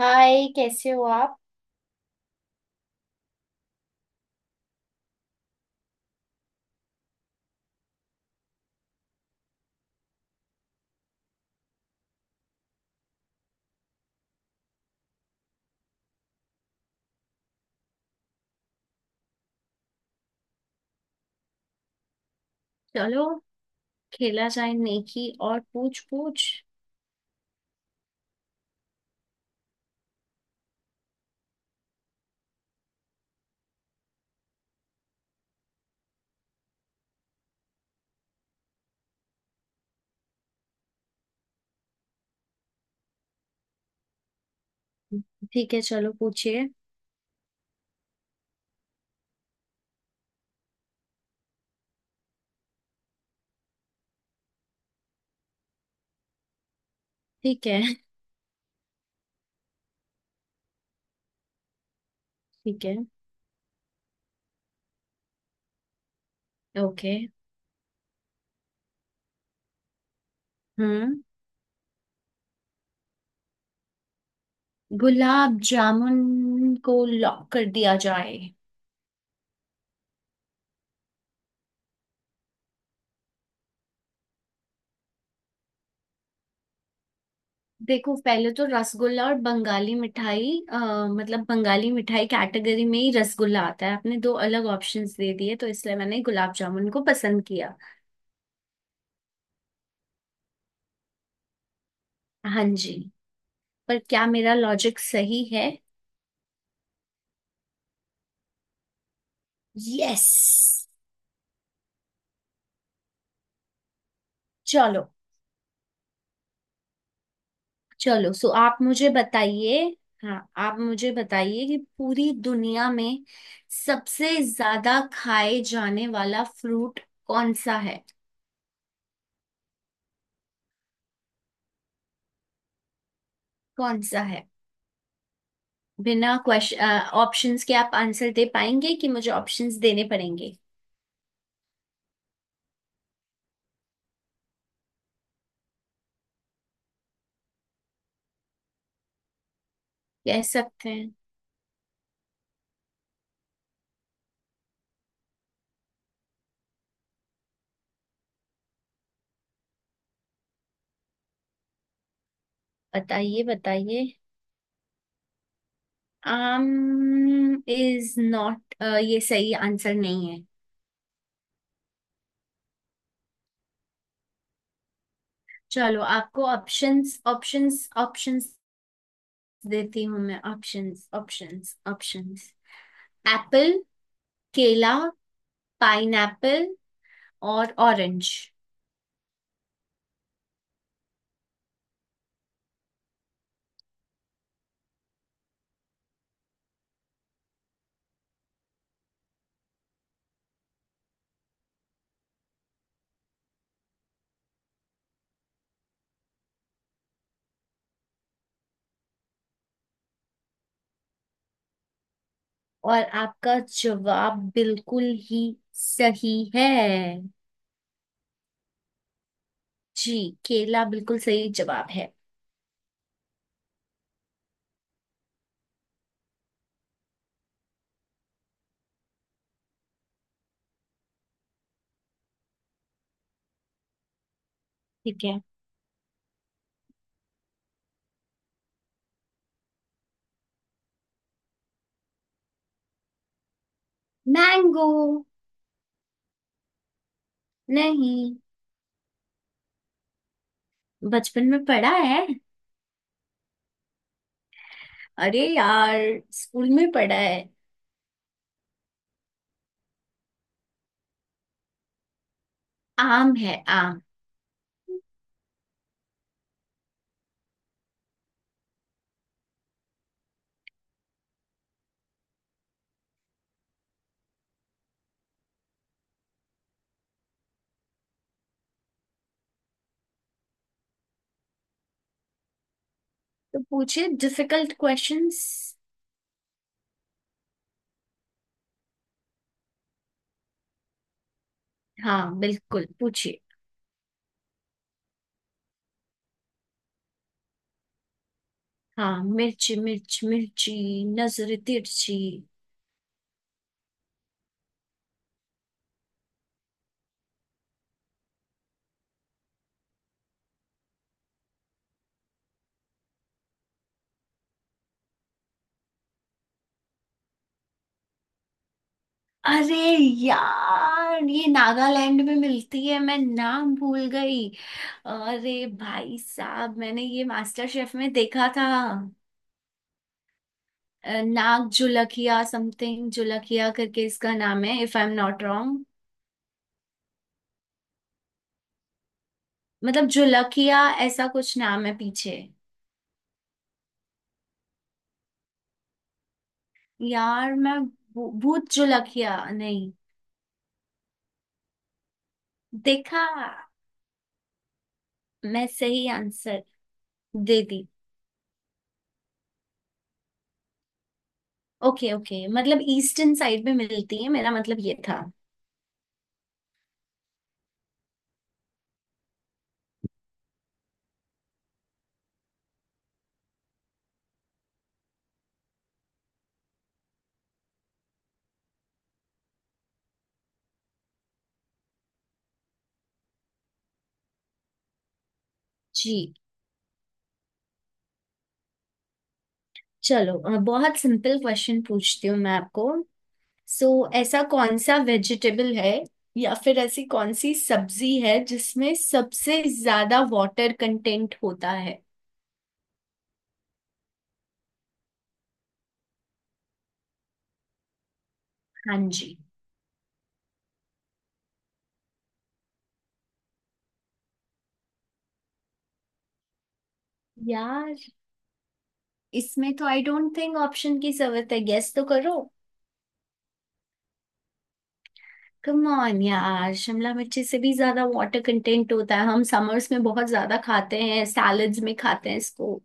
हाय, कैसे हो आप। खेला जाए, नेकी और पूछ पूछ। ठीक है। ठीक है। ठीक है। ओके। हम्म। गुलाब जामुन को लॉक कर दिया जाए। देखो, पहले तो रसगुल्ला और बंगाली मिठाई मतलब बंगाली मिठाई कैटेगरी में ही रसगुल्ला आता है। आपने दो अलग ऑप्शंस दे दिए, तो इसलिए मैंने गुलाब जामुन को पसंद किया। हाँ जी, पर क्या मेरा लॉजिक सही है। यस। चलो। चलो, सो आप मुझे बताइए। हाँ, आप मुझे बताइए कि पूरी दुनिया में सबसे ज्यादा खाए जाने वाला फ्रूट कौन सा है। कौन सा है। बिना क्वेश्चन ऑप्शंस के आप आंसर दे पाएंगे कि मुझे ऑप्शंस देने पड़ेंगे। कह सकते हैं। बताइए, बताइए। आम इज नॉट, ये सही आंसर नहीं है। चलो, आपको ऑप्शंस ऑप्शंस ऑप्शंस देती हूँ मैं, ऑप्शंस ऑप्शंस ऑप्शंस। एप्पल, केला, पाइनएप्पल और ऑरेंज। और आपका जवाब बिल्कुल ही सही है जी। केला बिल्कुल सही जवाब है। ठीक है। मैंगो। नहीं। बचपन में पढ़ा है। अरे यार, स्कूल में पढ़ा है। आम है आम। तो पूछिए डिफिकल्ट क्वेश्चंस। हाँ बिल्कुल पूछिए। हाँ, मिर्ची मिर्च मिर्ची, नजर तिरछी। अरे यार, ये नागालैंड में मिलती है, मैं नाम भूल गई। अरे भाई साहब, मैंने ये मास्टर शेफ में देखा था। नाग जुलकिया समथिंग, जुलकिया करके इसका नाम है, if I am not wrong. मतलब जुलकिया, ऐसा कुछ नाम है पीछे। यार मैं भूत जुलकिया, नहीं देखा। मैं सही आंसर दे दी। ओके ओके, मतलब ईस्टर्न साइड में मिलती है, मेरा मतलब ये था। जी। चलो, बहुत सिंपल क्वेश्चन पूछती हूँ मैं आपको। सो ऐसा कौन सा वेजिटेबल है, या फिर ऐसी कौन सी सब्जी है जिसमें सबसे ज्यादा वाटर कंटेंट होता है। हाँ जी। यार, इसमें तो आई डोंट थिंक ऑप्शन की जरूरत है, गेस तो करो। कम ऑन यार, शिमला मिर्ची से भी ज्यादा वाटर कंटेंट होता है। हम समर्स में बहुत ज्यादा खाते हैं, सैलड्स में खाते हैं इसको।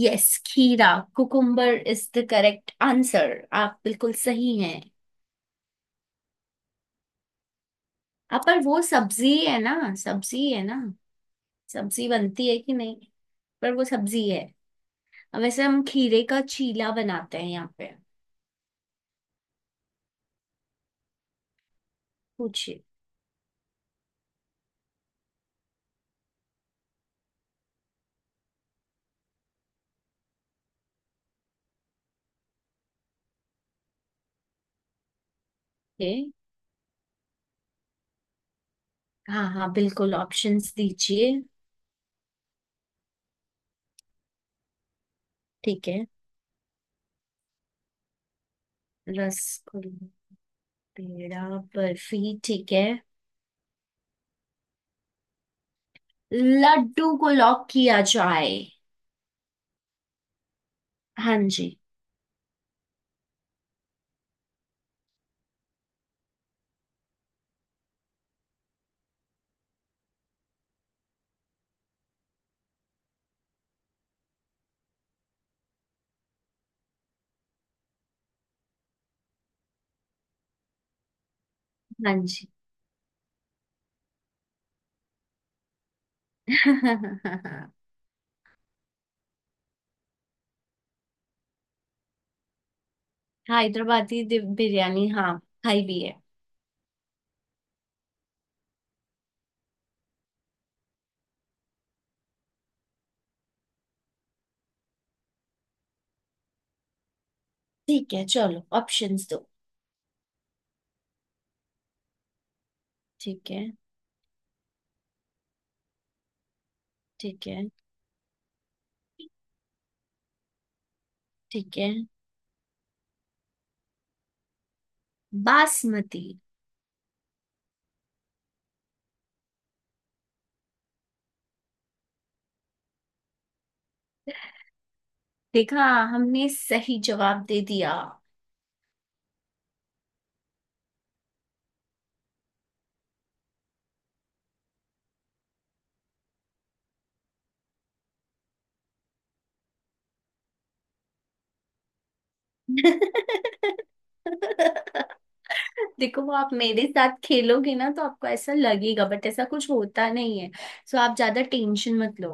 यस, खीरा। Cucumber is the correct answer, आप बिल्कुल सही हैं। अब पर वो सब्जी है ना, सब्जी है ना, सब्जी बनती है कि नहीं, पर वो सब्जी है। अब वैसे हम खीरे का चीला बनाते हैं यहाँ पे। पूछिए। ए? हाँ हाँ, बिल्कुल ऑप्शंस दीजिए। ठीक है। रसगुल्ला, पेड़ा, बर्फी, ठीक है। लड्डू को लॉक किया जाए। हाँ जी। हाँ जी। हैदराबादी बिरयानी, हाँ, खाई भी है। ठीक है, चलो ऑप्शंस दो। ठीक है। ठीक है। ठीक है। बासमती। देखा, हमने सही जवाब दे दिया। देखो, वो आप मेरे साथ खेलोगे ना तो आपको ऐसा लगेगा, बट ऐसा कुछ होता नहीं है। सो आप ज्यादा टेंशन मत लो।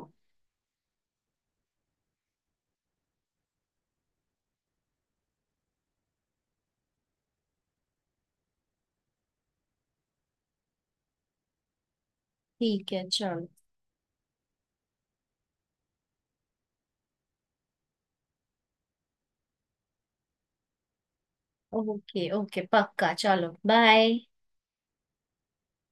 ठीक है, चलो। ओके ओके, पक्का, चलो बाय।